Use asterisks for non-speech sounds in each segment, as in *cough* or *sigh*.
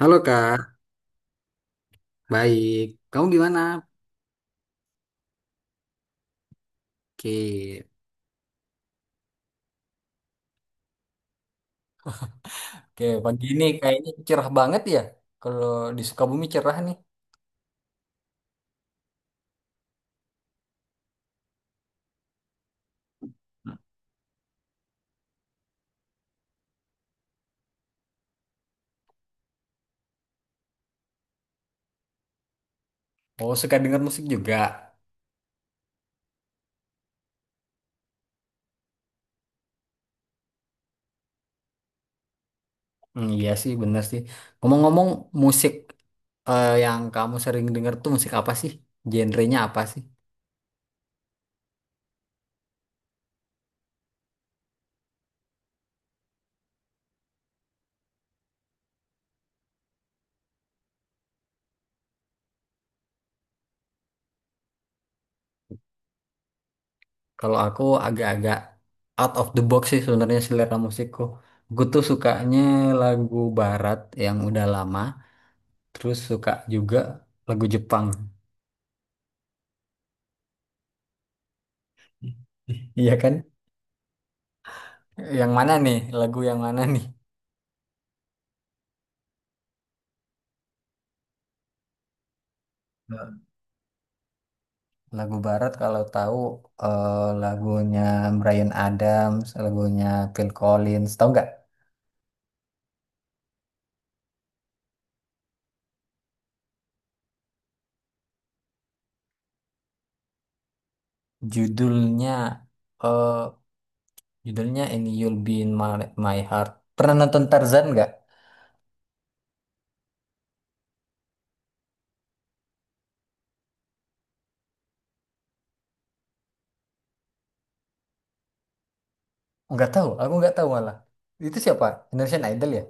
Halo Kak, baik. Kamu gimana? Oke. Oke, pagi ini kayaknya cerah banget ya. Kalau di Sukabumi cerah nih. Oh, suka dengar musik juga. Hmm, iya sih, bener sih. Ngomong-ngomong, musik yang kamu sering dengar tuh musik apa sih? Genrenya apa sih? Kalau aku agak-agak out of the box sih sebenarnya selera musikku. Aku tuh sukanya lagu barat yang udah lama, terus suka juga lagu Jepang. *laughs* Iya kan? Yang mana nih? Lagu yang mana nih? Nah, lagu barat kalau tahu lagunya Bryan Adams, lagunya Phil Collins, tahu nggak? Judulnya eh judulnya ini You'll Be in My Heart. Pernah nonton Tarzan nggak? Nggak tahu, aku nggak tahu malah. Itu siapa? Indonesian Idol ya?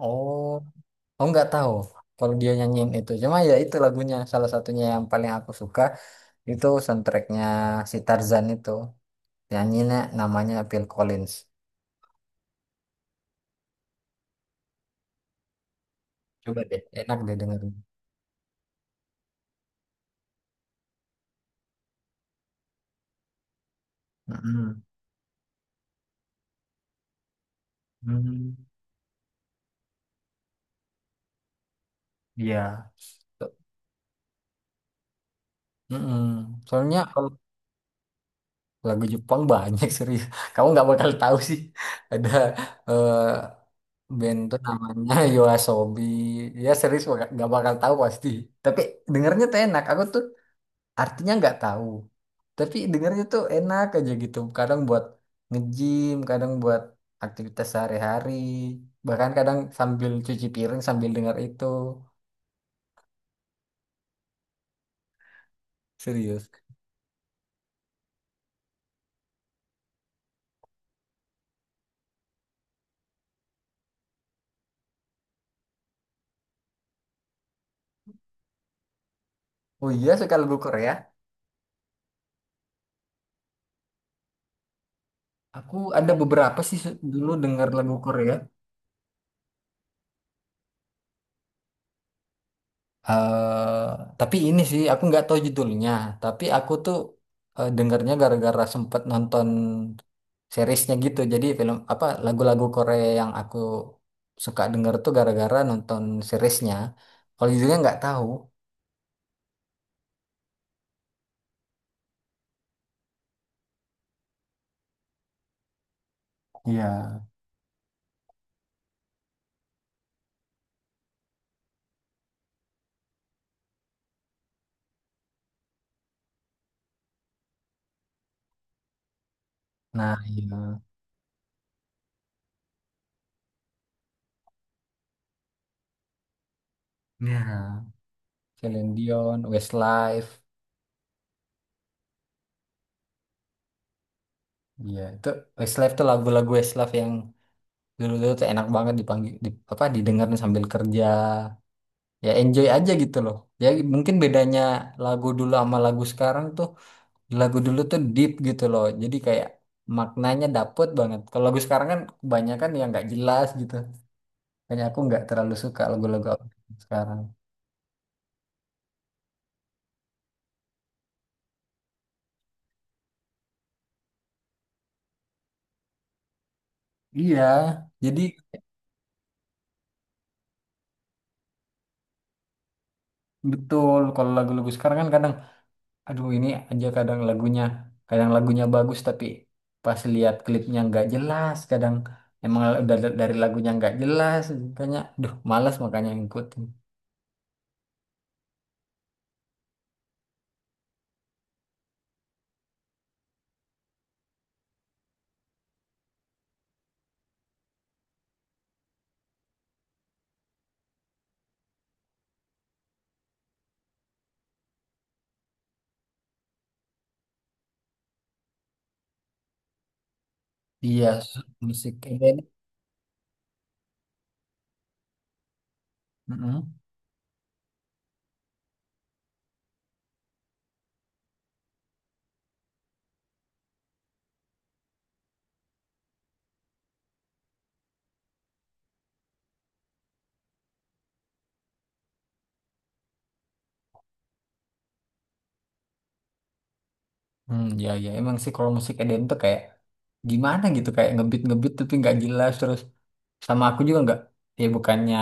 Oh, aku nggak tahu. Kalau dia nyanyiin itu, cuma ya itu lagunya salah satunya yang paling aku suka itu soundtracknya si Tarzan itu. Nyanyinya namanya Phil Collins. Coba deh, enak deh dengerin. Mm-mm. Hmm, iya. So- mm-mm. Soalnya kalau lagu Jepang banyak serius. Kamu nggak bakal tahu sih. *laughs* Ada eh, band tuh namanya *laughs* Yoasobi. Ya serius nggak bakal tahu pasti. Tapi dengernya tuh enak. Aku tuh artinya nggak tahu. Tapi dengernya tuh enak aja gitu. Kadang buat nge-gym, kadang buat aktivitas sehari-hari. Bahkan kadang sambil cuci piring sambil denger itu. Serius. Oh iya, suka lagu Korea. Aku ada beberapa sih, dulu dengar lagu Korea. eh tapi ini sih aku nggak tahu judulnya. Tapi aku tuh dengernya gara-gara sempet nonton seriesnya gitu. Jadi film apa lagu-lagu Korea yang aku suka denger tuh gara-gara nonton seriesnya. Kalau judulnya nggak tahu. Iya. Nah, iya. Nah, Celine Dion, Westlife. Iya, itu Westlife tuh lagu-lagu Westlife yang dulu-dulu tuh enak banget dipanggil di, apa didengarin sambil kerja, ya enjoy aja gitu loh. Ya mungkin bedanya lagu dulu sama lagu sekarang tuh lagu dulu tuh deep gitu loh, jadi kayak maknanya dapet banget. Kalau lagu sekarang kan kebanyakan yang nggak jelas gitu, makanya aku nggak terlalu suka lagu-lagu sekarang. Iya jadi betul, kalau lagu-lagu sekarang kan kadang, aduh, ini aja kadang lagunya bagus tapi pas lihat klipnya nggak jelas, kadang emang udah dari lagunya nggak jelas, makanya duh malas makanya ngikutin. Iya, musik Eden. Mm-mm. Hmm, ya, ya, emang sih kalau musik Eden tuh kayak gimana gitu, kayak ngebeat-ngebeat tapi nggak jelas, terus sama aku juga nggak, ya bukannya,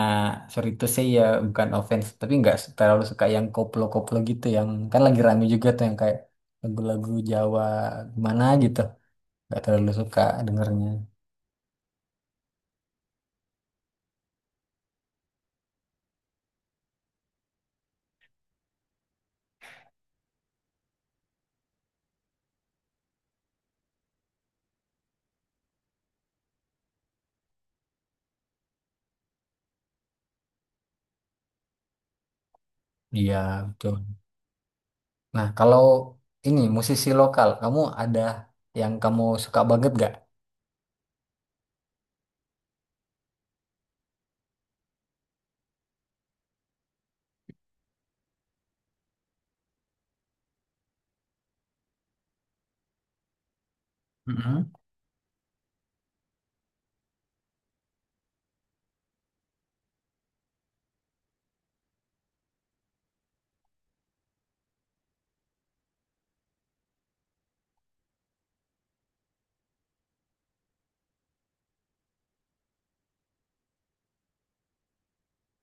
sorry itu sih ya, bukan offense, tapi nggak terlalu suka yang koplo-koplo gitu, yang kan lagi rame juga tuh yang kayak lagu-lagu Jawa gimana gitu, nggak terlalu suka dengernya. Iya, betul. Nah, kalau ini musisi lokal, kamu ada yang kamu suka banget gak? Mm-mm.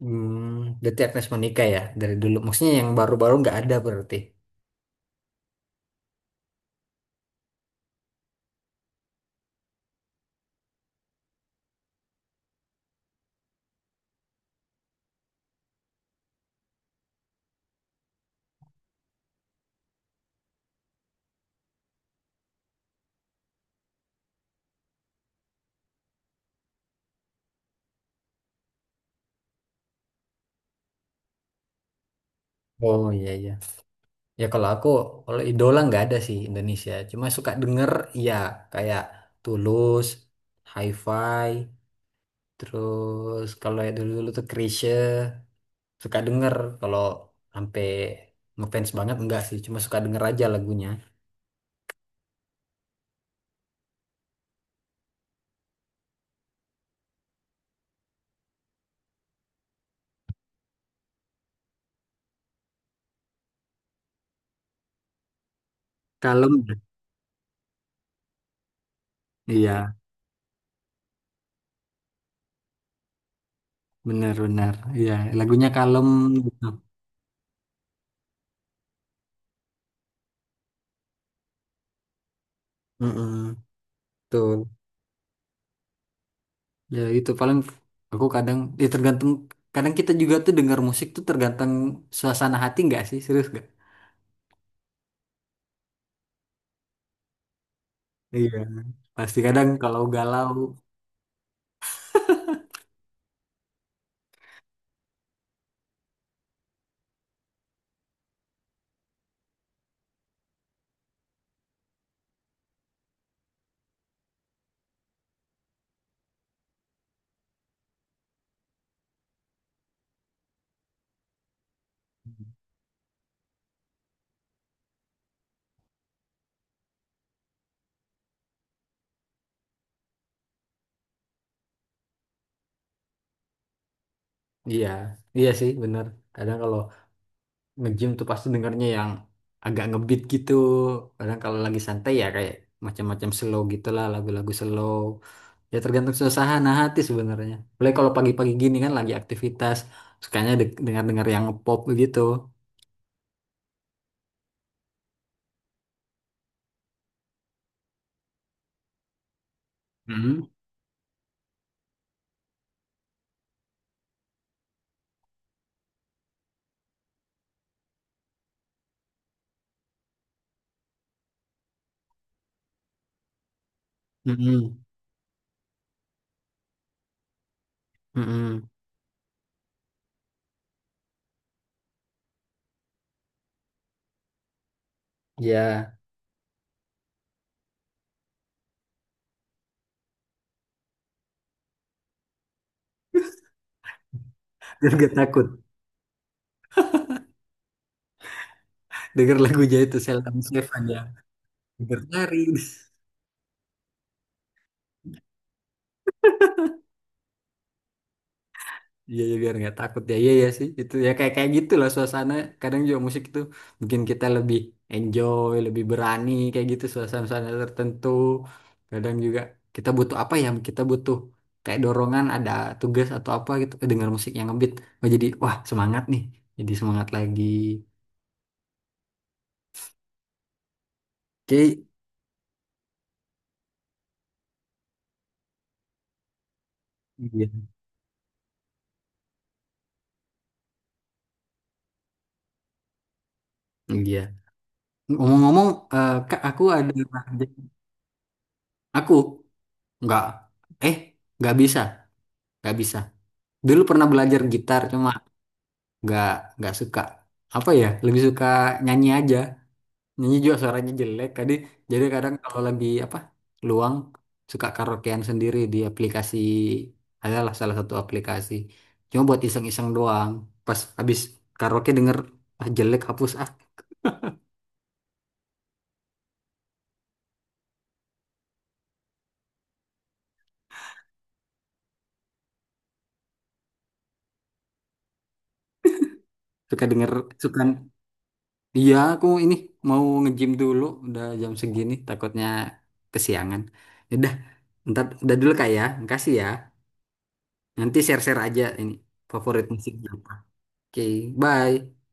Berarti Agnes Monica ya dari dulu. Maksudnya yang baru-baru nggak ada berarti. Oh, iya, iya. Ya kalau aku, kalau idola nggak ada sih Indonesia. Cuma suka denger ya, kayak Tulus, Hi-Fi, terus kalau ya dulu-dulu tuh Chrisye suka denger, kalau sampai ngefans banget enggak sih. Cuma suka denger aja lagunya. Kalem, ya? Iya, benar-benar, iya, lagunya kalem gitu. Mm-mm, betul. Ya itu paling aku kadang, ya tergantung, kadang kita juga tuh dengar musik tuh tergantung suasana hati, nggak sih, serius nggak? Iya, pasti kadang kalau galau, iya, iya sih, benar. Kadang kalau nge-gym tuh pasti dengarnya yang agak ngebeat gitu. Kadang kalau lagi santai ya kayak macam-macam slow gitu lah, lagu-lagu slow. Ya tergantung suasana hati sebenarnya. Boleh kalau pagi-pagi gini kan lagi aktivitas, sukanya dengar-dengar yang pop gitu. Hmm. Mm-mm. Mm-mm. Ya, *laughs* biar gak takut. Denger lagu aja itu Sheldon Seven ya. Denger lari. Iya ya biar nggak takut ya, iya ya sih itu ya, kayak kayak gitu lah suasana, kadang juga musik itu bikin kita lebih enjoy, lebih berani kayak gitu suasana-suasana tertentu, kadang juga kita butuh kayak dorongan, ada tugas atau apa gitu, dengar musik yang ngebeat, oh jadi wah semangat nih, jadi semangat lagi, oke. Iya. Iya. Ngomong-ngomong, Kak, aku nggak eh nggak bisa nggak bisa. Dulu pernah belajar gitar, cuma nggak nggak suka, apa ya, lebih suka nyanyi aja. Nyanyi juga suaranya jelek tadi, jadi kadang kalau lagi apa, luang, suka karaokean sendiri di aplikasi, adalah salah satu aplikasi, cuma buat iseng-iseng doang, pas habis karaoke denger, ah jelek, hapus ah. Suka denger. Suka. Iya, aku ini mau nge-gym dulu, udah jam segini takutnya kesiangan. Ya udah, ntar udah dulu Kak ya, makasih ya. Nanti share-share aja ini favorit musiknya. Oke, bye.